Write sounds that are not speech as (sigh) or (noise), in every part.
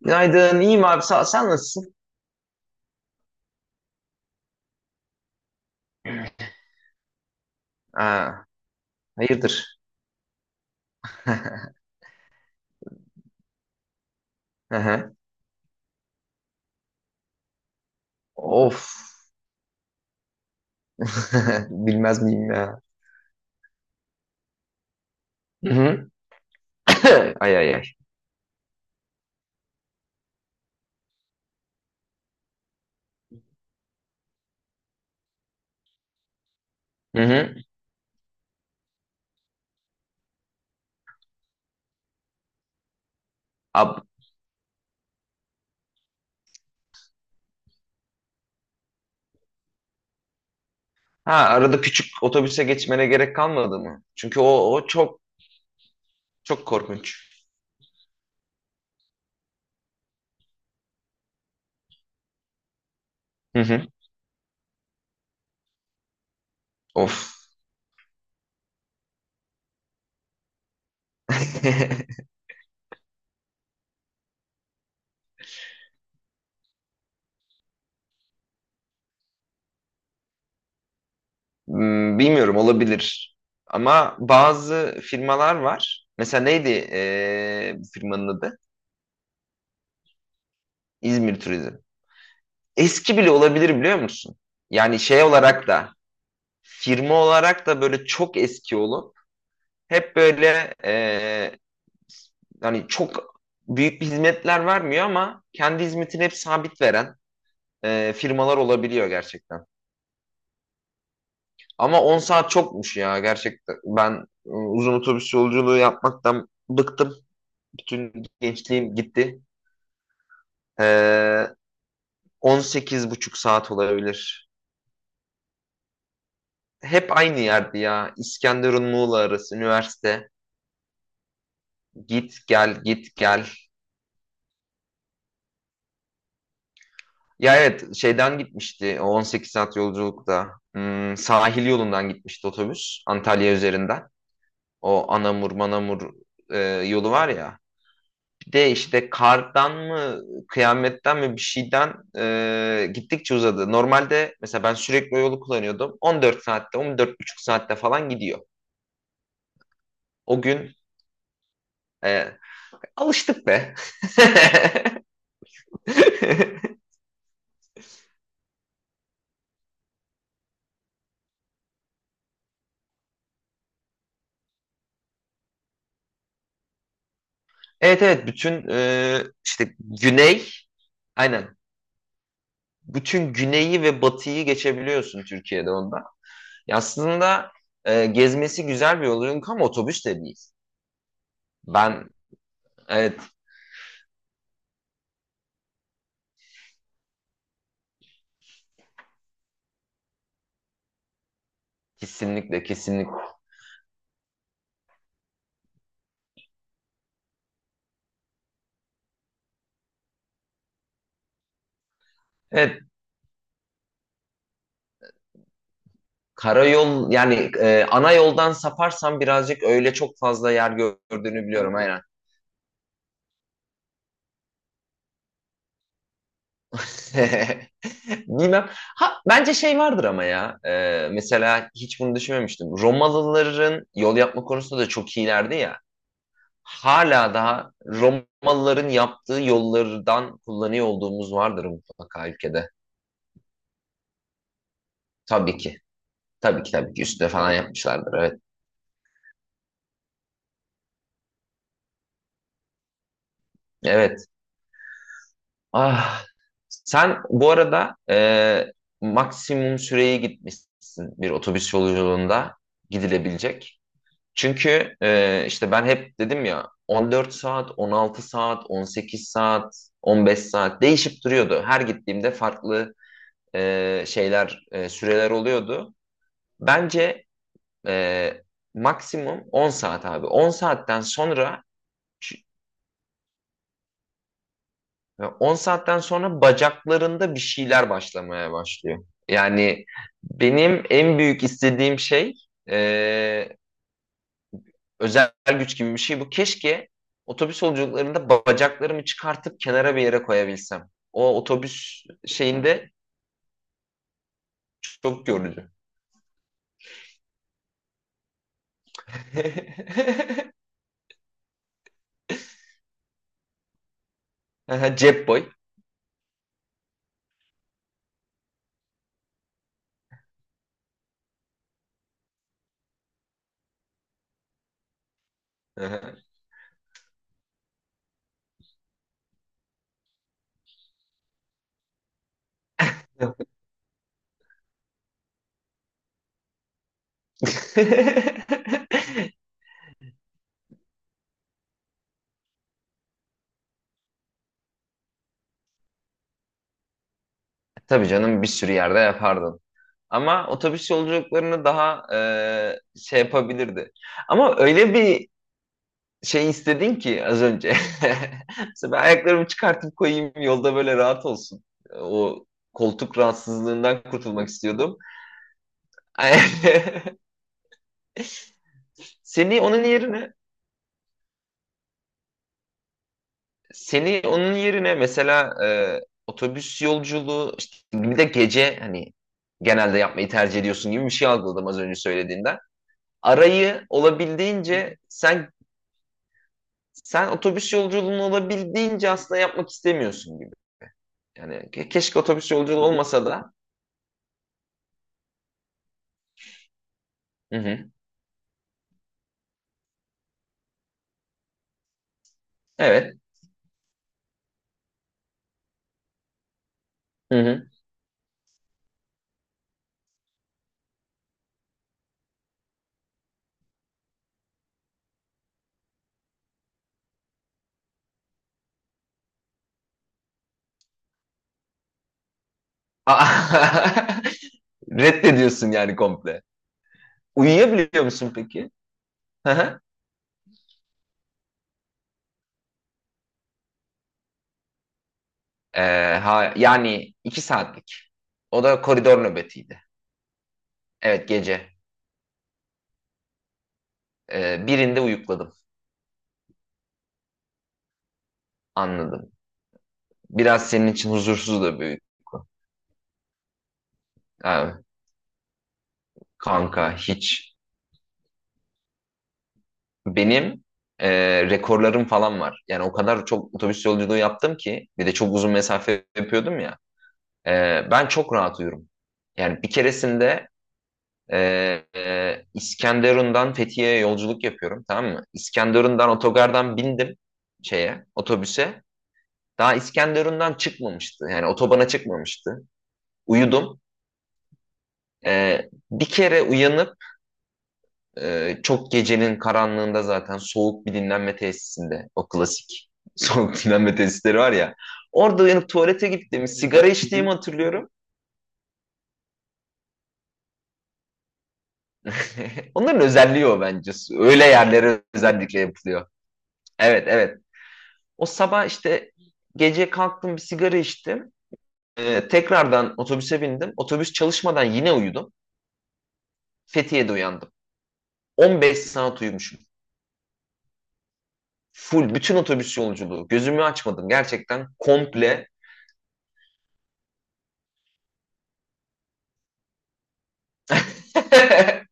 Günaydın, iyiyim abi sağ ol. Sen nasılsın? Aa, hayırdır? (laughs) Aha. Of. (laughs) Bilmez miyim ya? Hı-hı. (coughs) Ay ay ay. Hı-hı. Ab ha, arada küçük otobüse geçmene gerek kalmadı mı? O çok korkunç. Hı-hı. Of. (laughs) Hmm, bilmiyorum, olabilir. Ama bazı firmalar var. Mesela neydi bu firmanın adı? İzmir Turizm. Eski bile olabilir, biliyor musun? Yani şey olarak da firma olarak da böyle çok eski olup hep böyle hani çok büyük bir hizmetler vermiyor ama kendi hizmetini hep sabit veren firmalar olabiliyor gerçekten. Ama 10 saat çokmuş ya gerçekten. Ben uzun otobüs yolculuğu yapmaktan bıktım. Bütün gençliğim gitti. E, 18 buçuk saat olabilir. Hep aynı yerdi ya. İskenderun Muğla arası üniversite. Git gel git gel. Ya evet şeyden gitmişti o 18 saat yolculukta. Hmm, sahil yolundan gitmişti otobüs Antalya üzerinden. Anamur Manamur e, yolu var ya. Bir de işte kardan mı kıyametten mi bir şeyden gittikçe uzadı. Normalde mesela ben sürekli o yolu kullanıyordum. 14 saatte 14,5 saatte falan gidiyor. O gün e, Alıştık be. (laughs) Evet evet, bütün işte güney, aynen, bütün güneyi ve batıyı geçebiliyorsun Türkiye'de onda. Ya aslında gezmesi güzel bir yol çünkü, ama otobüs de değil. Ben evet, kesinlikle kesinlikle. Evet, karayol yani, ana yoldan saparsam birazcık öyle çok fazla yer gördüğünü biliyorum, aynen. (laughs) Bilmem. Ha, bence şey vardır ama ya. Mesela hiç bunu düşünmemiştim. Romalıların yol yapma konusunda da çok iyilerdi ya. Hala daha Romalıların yaptığı yollardan kullanıyor olduğumuz vardır mutlaka ülkede. Tabii ki. Tabii ki tabii ki, üstüne falan yapmışlardır. Evet. Evet. Ah. Sen bu arada maksimum süreye gitmişsin bir otobüs yolculuğunda gidilebilecek. Çünkü işte ben hep dedim ya, 14 saat, 16 saat, 18 saat, 15 saat değişip duruyordu. Her gittiğimde farklı süreler oluyordu. Bence e, maksimum 10 saat abi. 10 saatten sonra bacaklarında bir şeyler başlamaya başlıyor. Yani benim en büyük istediğim şey e, özel güç gibi bir şey bu. Keşke otobüs yolculuklarında bacaklarımı çıkartıp kenara bir yere koyabilsem. O otobüs şeyinde çok yorucu. (laughs) Aha, cep boy. Aha. (laughs) Tabii canım, bir sürü yerde yapardın. Ama otobüs yolculuklarını daha şey yapabilirdi. Ama öyle bir şey istedin ki az önce. (laughs) Mesela ben ayaklarımı çıkartıp koyayım yolda, böyle rahat olsun. O koltuk rahatsızlığından kurtulmak istiyordum. (laughs) Seni onun yerine Seni onun yerine mesela otobüs yolculuğu işte bir de gece, hani genelde yapmayı tercih ediyorsun gibi bir şey algıladım az önce söylediğinden. Arayı olabildiğince sen Sen otobüs yolculuğunu olabildiğince aslında yapmak istemiyorsun gibi. Yani keşke otobüs yolculuğu olmasa da. Hı hı. Evet. Hı hı. Aa. (laughs) Reddediyorsun yani komple. Uyuyabiliyor musun peki? Hı hı. Ha, Yani iki saatlik. O da koridor nöbetiydi. Evet, gece. Birinde uyukladım. Anladım. Biraz senin için huzursuz da bir uyku. Ha, kanka hiç. Benim e, rekorlarım falan var. Yani o kadar çok otobüs yolculuğu yaptım ki, bir de çok uzun mesafe yapıyordum ya. E, Ben çok rahat uyurum. Yani bir keresinde e, İskenderun'dan Fethiye'ye yolculuk yapıyorum, tamam mı? İskenderun'dan otogardan bindim şeye, otobüse. Daha İskenderun'dan çıkmamıştı. Yani otobana çıkmamıştı. Uyudum. E, Bir kere uyanıp çok gecenin karanlığında zaten soğuk bir dinlenme tesisinde, o klasik (laughs) soğuk dinlenme tesisleri var ya. Orada uyanıp tuvalete gittiğimi, sigara içtiğimi hatırlıyorum. (laughs) Onların özelliği o bence. Öyle yerlere özellikle yapılıyor. Evet, evet. O sabah işte gece kalktım, bir sigara içtim. Tekrardan otobüse bindim. Otobüs çalışmadan yine uyudum. Fethiye'de uyandım. 15 saat uyumuşum. Full bütün otobüs yolculuğu. Gözümü açmadım. Gerçekten komple. (laughs)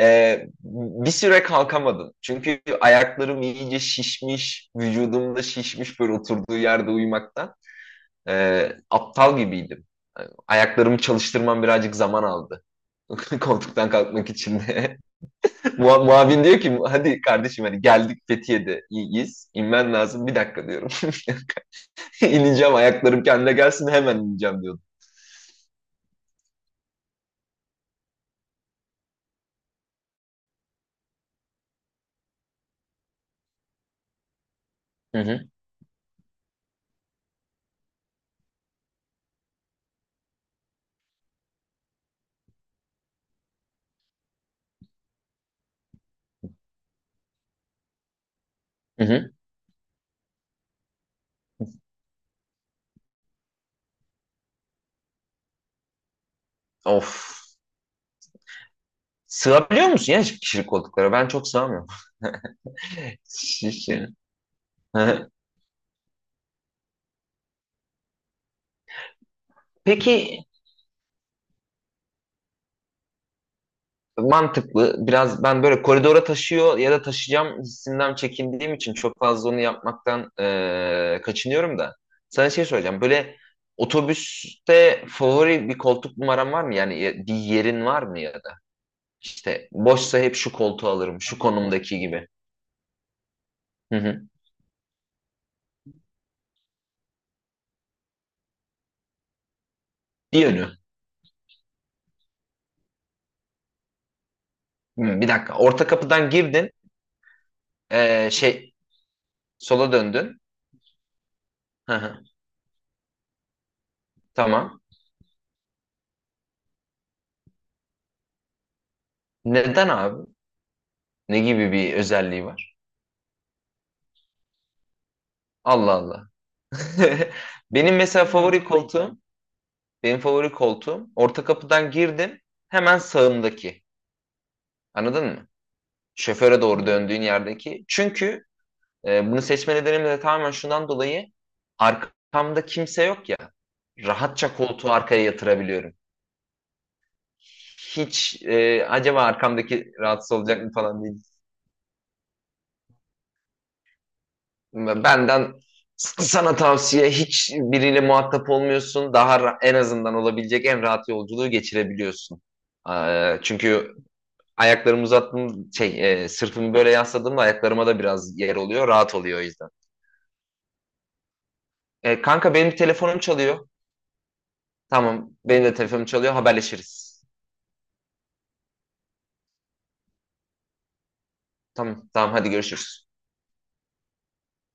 Bir süre kalkamadım. Çünkü ayaklarım iyice şişmiş, vücudumda şişmiş böyle oturduğu yerde uyumaktan. Aptal gibiydim. Yani ayaklarımı çalıştırmam birazcık zaman aldı. (laughs) Koltuktan kalkmak için de. (laughs) Muavin diyor ki hadi kardeşim, hani geldik, Fethiye'de iyiyiz, İnmen lazım. Bir dakika diyorum. (laughs) İneceğim, ayaklarım kendine gelsin, hemen ineceğim diyordum. Hı hı, hı hı. Of. Sığabiliyor musun ya kişilik koltuklara? Ben çok sığamıyorum. (laughs) Şiş. Hı. Peki, mantıklı. Biraz ben böyle koridora taşıyor ya da taşıyacağım hissinden çekindiğim için çok fazla onu yapmaktan kaçınıyorum da. Sana şey soracağım. Böyle otobüste favori bir koltuk numaran var mı? Bir yerin var mı ya da? İşte boşsa hep şu koltuğu alırım. Şu konumdaki gibi. Hı hı. Bir yönü. Hı, bir dakika. Orta kapıdan girdin. Eee, şey Sola döndün. Hı hı. Tamam. Neden abi? Ne gibi bir özelliği var? Allah Allah. (laughs) Benim mesela favori koltuğum, benim favori koltuğum, orta kapıdan girdim hemen sağımdaki. Anladın mı? Şoföre doğru döndüğün yerdeki. Çünkü bunu seçme nedenim de tamamen şundan dolayı, arkamda kimse yok ya. Rahatça koltuğu arkaya yatırabiliyorum. Hiç acaba arkamdaki rahatsız olacak mı falan diye. Ve Benden Sana tavsiye, hiç biriyle muhatap olmuyorsun. Daha en azından olabilecek en rahat yolculuğu geçirebiliyorsun. Çünkü ayaklarımı uzattım, sırtımı böyle yasladığımda ayaklarıma da biraz yer oluyor. Rahat oluyor o yüzden. Kanka benim telefonum çalıyor. Tamam, benim de telefonum çalıyor. Haberleşiriz. Tamam, tamam, hadi görüşürüz.